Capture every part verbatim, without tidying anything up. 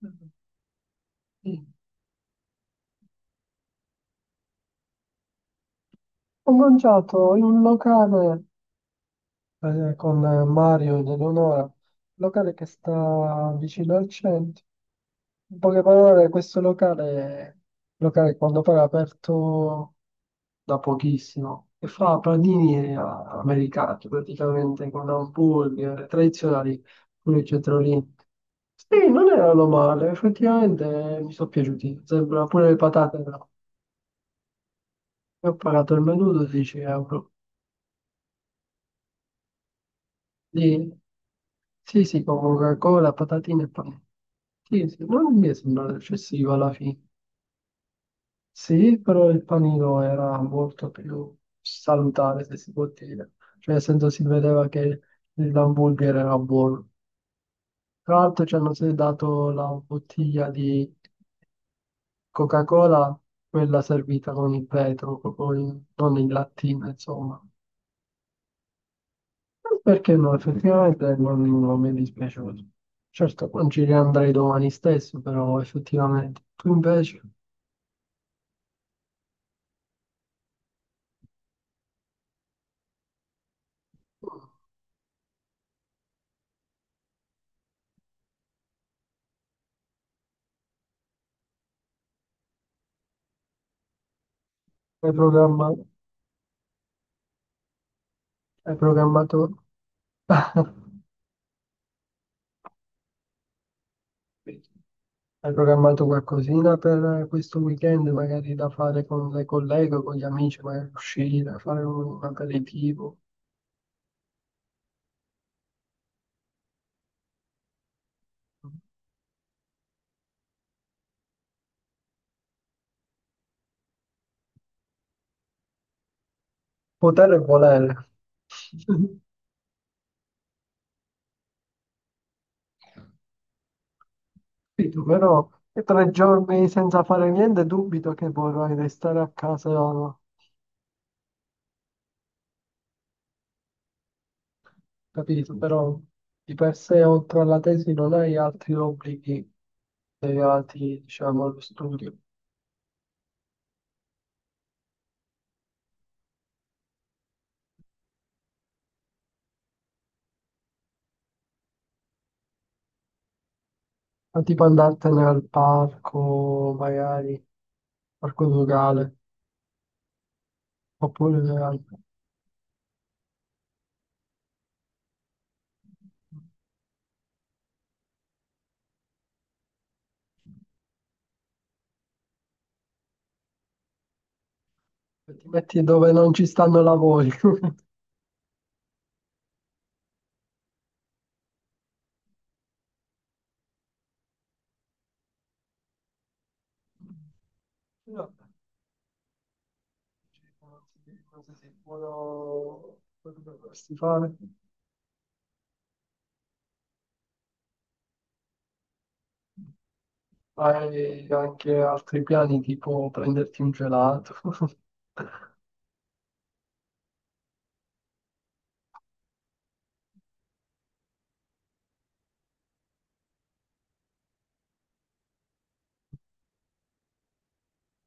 Sì. Ho mangiato in un locale eh, con Mario ed Eleonora, un locale che sta vicino al centro. In poche parole, questo locale, locale quando poi è aperto da pochissimo, e fa panini a- americani praticamente con hamburger tradizionali pure i cetriolini. Sì, non erano male, effettivamente mi sono piaciuti. Sembra pure le patate, no? Io ho pagato il menù dodici euro. Sì, sì, sì, con Coca-Cola, patatine e pane. Sì, sì, non mi è sembrata eccessiva alla fine. Sì, però il panino era molto più salutare, se si può dire. Cioè, nel senso si vedeva che l'hamburger era buono. Tra l'altro ci hanno se- dato la bottiglia di Coca-Cola, quella servita con il vetro, con- non in lattina, insomma. Perché no, effettivamente non, non mi è dispiaciuto. Certo, non ci riandrei domani stesso, però effettivamente. Tu invece hai programmato, hai programmato, hai programmato qualcosina per questo weekend, magari da fare con le colleghe, con gli amici, magari uscire, fare un aperitivo. Potere e volere. Capito, però tre giorni senza fare niente, dubito che vorrai restare a casa. Capito, però di per sé oltre alla tesi non hai altri obblighi legati, diciamo, allo studio. Ma tipo andartene al parco, magari, parco locale, oppure al- ti metti dove non ci stanno lavori. No, non so se è buono quello che potresti fare. Hai anche altri piani, tipo prenderti un gelato.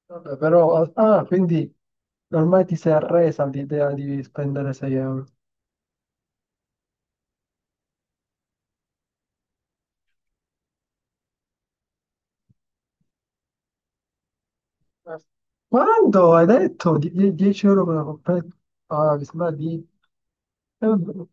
Vabbè, però, ah, quindi ormai ti sei arresa all'idea di spendere sei euro. Eh. Quanto hai detto? Die- die- dieci euro per una coppetta? Ah, mi sembra di. Eh, vabbè.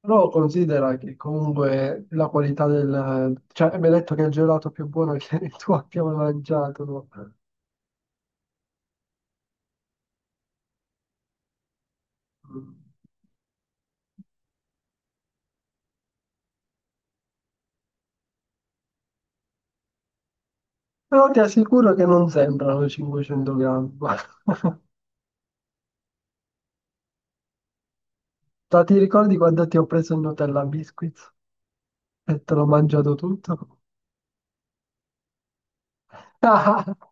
Però considera che comunque la qualità del. Cioè, mi hai detto che è il gelato più buono che tu abbia mai mangiato, no? Mm. Però ti assicuro che non sembrano cinquecento grammi. Guarda, ti ricordi quando ti ho preso il Nutella Biscuits e te l'ho mangiato tutto?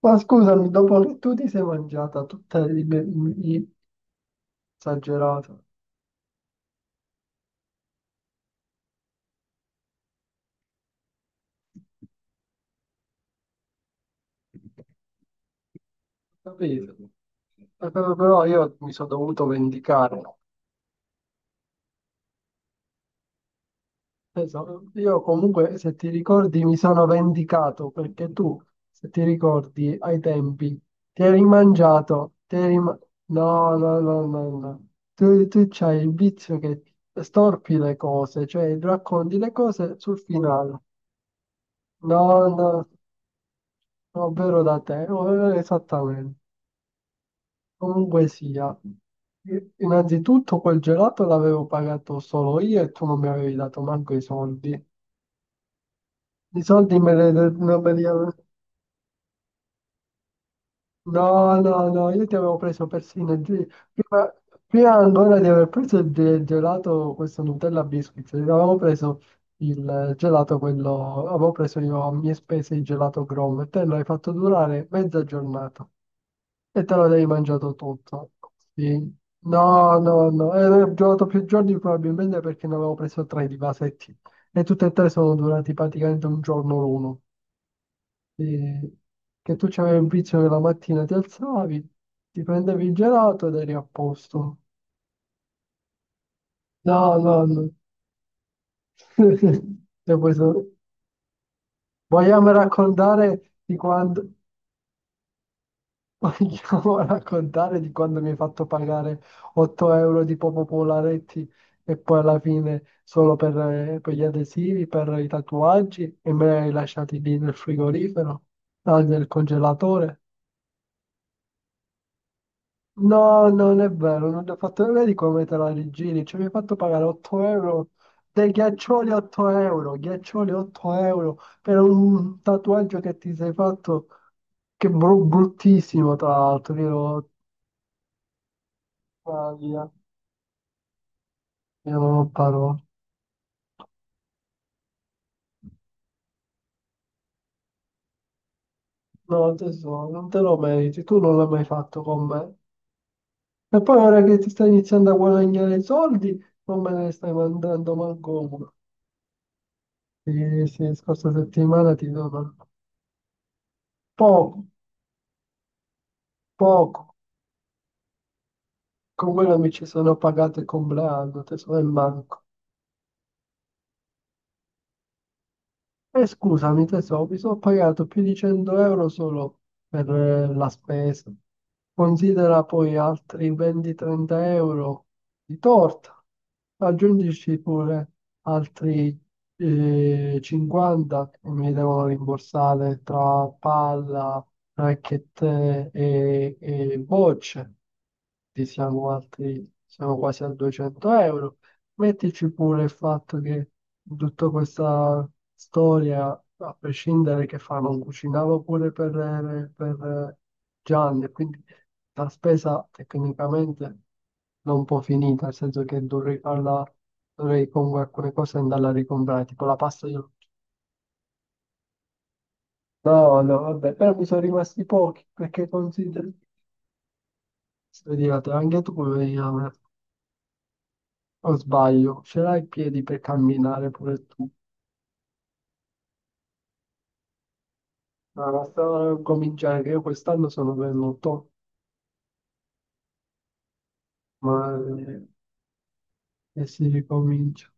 Ma scusami, dopo che tu ti sei mangiata tutta la libreria esagerata, capito? Eh, Però però io mi sono dovuto vendicare. Penso- Io comunque, se ti ricordi, mi sono vendicato perché tu, se ti ricordi, ai tempi ti eri mangiato, ti eri ma- No, no, no, no, no. Tu, tu c'hai il vizio che storpi le cose, cioè racconti le cose sul finale. No, no. Ovvero da te, no, eh, esattamente. Comunque sia, i- innanzitutto quel gelato l'avevo pagato solo io e tu non mi avevi dato manco i soldi. I soldi me li, non me li ave-. No, no, no, io ti avevo preso persino il ge- prima, prima ancora di aver preso il ge- gelato, questo Nutella Biscuit, ti avevo preso il gelato, quello, avevo preso io a mie spese il gelato Grom e te l'hai fatto durare mezza giornata. E te lo devi mangiato tutto. Sì. No, no, no. E ho giocato più giorni probabilmente perché ne avevo preso tre di vasetti. E tutte e tre sono durati praticamente un giorno l'uno. Sì. Che tu c'avevi un vizio che la mattina ti alzavi, ti prendevi il gelato ed eri a posto. No, no, no. E poi so- vogliamo raccontare di quando. Vogliamo raccontare di quando mi hai fatto pagare otto euro di Popo Polaretti e poi alla fine solo per, eh, per gli adesivi, per i tatuaggi e me li hai lasciati lì nel frigorifero, ah, nel congelatore? No, non è vero, non ti ho fatto vedi come te la rigiri, cioè mi hai fatto pagare otto euro, dei ghiaccioli otto euro, ghiaccioli otto euro per un tatuaggio che ti sei fatto, che bru- bruttissimo tra l'altro, io. Italia. Io non ho parole. No, tesoro, non te lo meriti, tu non l'hai mai fatto con me. E poi ora che ti stai iniziando a guadagnare i soldi, non me ne stai mandando manco uno. Sì, sì, scorsa settimana ti do man- poco, poco. Con quello mi ci sono pagato il compleanno, tesoro, e manco. E scusami tesoro, mi sono pagato più di cento euro solo per eh, la spesa. Considera poi altri venti-trenta euro di torta. Aggiungici pure altri eh, cinquanta che mi devono rimborsare tra palla, racchette e, e bocce. Ti siamo altri, siamo quasi a duecento euro. Mettici pure il fatto che in tutta questa storia, a prescindere che fa, non cucinava pure per, per Gianni, e quindi la spesa tecnicamente non può finita, nel senso che dovrei farla, dovrei comunque alcune cose andarla a ricomprare, tipo la pasta io. No, no, vabbè, però mi sono rimasti pochi, perché consideri. Vedi, anche tu puoi venire a me, o sbaglio, ce l'hai i piedi per camminare pure tu. Ma sta a cominciare, che io quest'anno sono venuto, ma eh, e si ricomincia.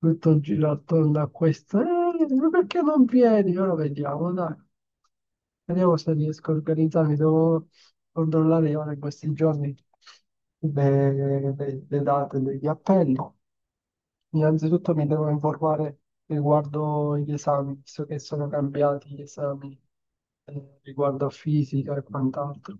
Tutto gira attorno a questo. Eh, ma perché non vieni? Ora vediamo, dai. Vediamo se riesco a organizzarmi. Devo controllare ora in questi giorni le, le- le date degli appelli. Innanzitutto mi devo informare riguardo gli esami, visto che sono cambiati gli esami eh, riguardo a fisica e quant'altro.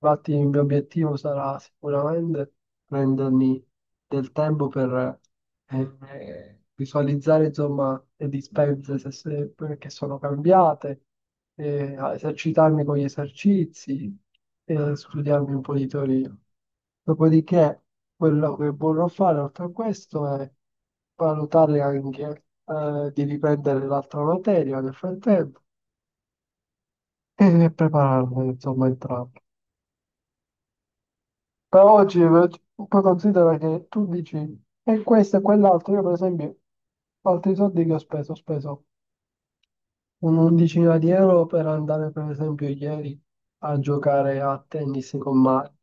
Infatti il mio obiettivo sarà sicuramente prendermi del tempo per eh, visualizzare insomma le dispense se- se- che sono cambiate, eh, a esercitarmi con gli esercizi e studiarmi un po' di teoria. Dopodiché quello che vorrò fare oltre a questo è valutare anche eh, di riprendere l'altra materia nel frattempo e prepararmi insomma entrambi. Però oggi eh, poi considera che tu dici e questo e quell'altro. Io, per esempio, altri soldi che ho speso, ho speso, un'undicina di euro per andare, per esempio, ieri a giocare a tennis con Mario.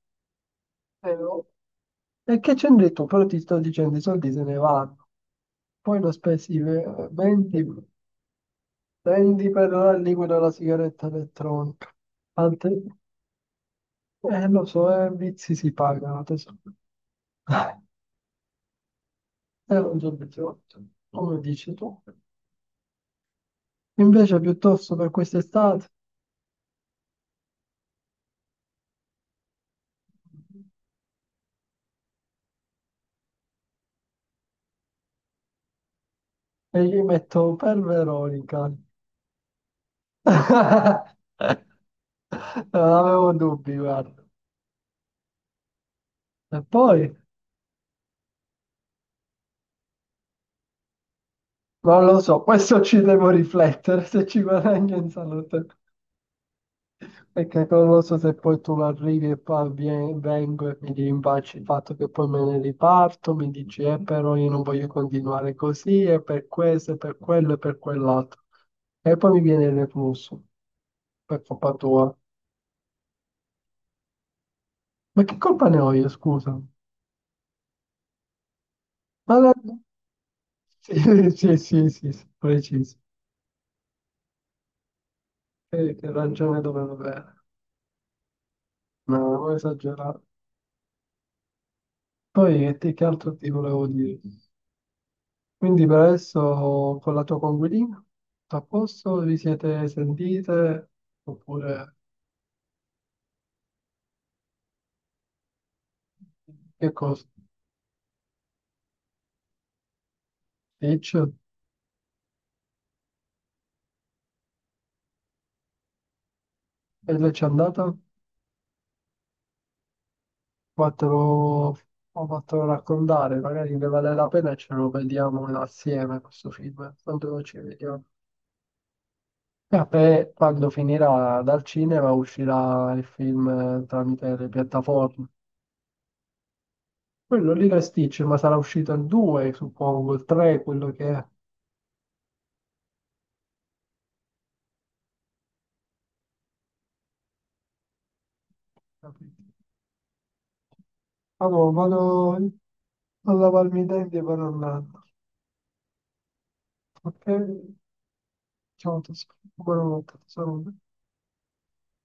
E, ho- e che c'entri tu? Però ti sto dicendo, i soldi se ne vanno. Poi ne ho spesi ve- venti, venti per la liquida della sigaretta elettronica. Altri- eh, lo so, eh, vizi si pagano, tesoro. Era un giorno di otto, come dici tu. Invece piuttosto per quest'estate eh, gli metto per Veronica. Non avevo dubbi, guarda. E poi, non lo so, questo ci devo riflettere se ci guadagno in salute. Perché non lo so se poi tu arrivi e poi vien- vengo e mi rimpacci il fatto che poi me ne riparto, mi dici, eh, però io non voglio continuare così, e per questo, e per quello, e per quell'altro. E poi mi viene il reflusso per colpa tua. Ma che colpa ne ho io, scusa? Ma la- Sì, sì, sì, sì, sì, preciso. Che, che ragione dovevo avere? No, ho esagerato. Poi che, ti- che altro ti volevo dire? Quindi per adesso con la tua coinquilina, tutto a posto, vi siete sentite? Oppure che cosa? Ditch? E lei c'è andata? Fatelo, ho fatto raccontare, magari ne vale la pena e ce lo vediamo assieme questo film. Quando ci vediamo? Ah, e quando finirà dal cinema uscirà il film eh, tramite le piattaforme. Quello lì era Stitch, ma sarà uscito il due, suppongo, il tre, quello che è. Allora, vado a lavarmi i denti per un anno. Ok? Ciao, tesoro. Buonanotte, tesoro.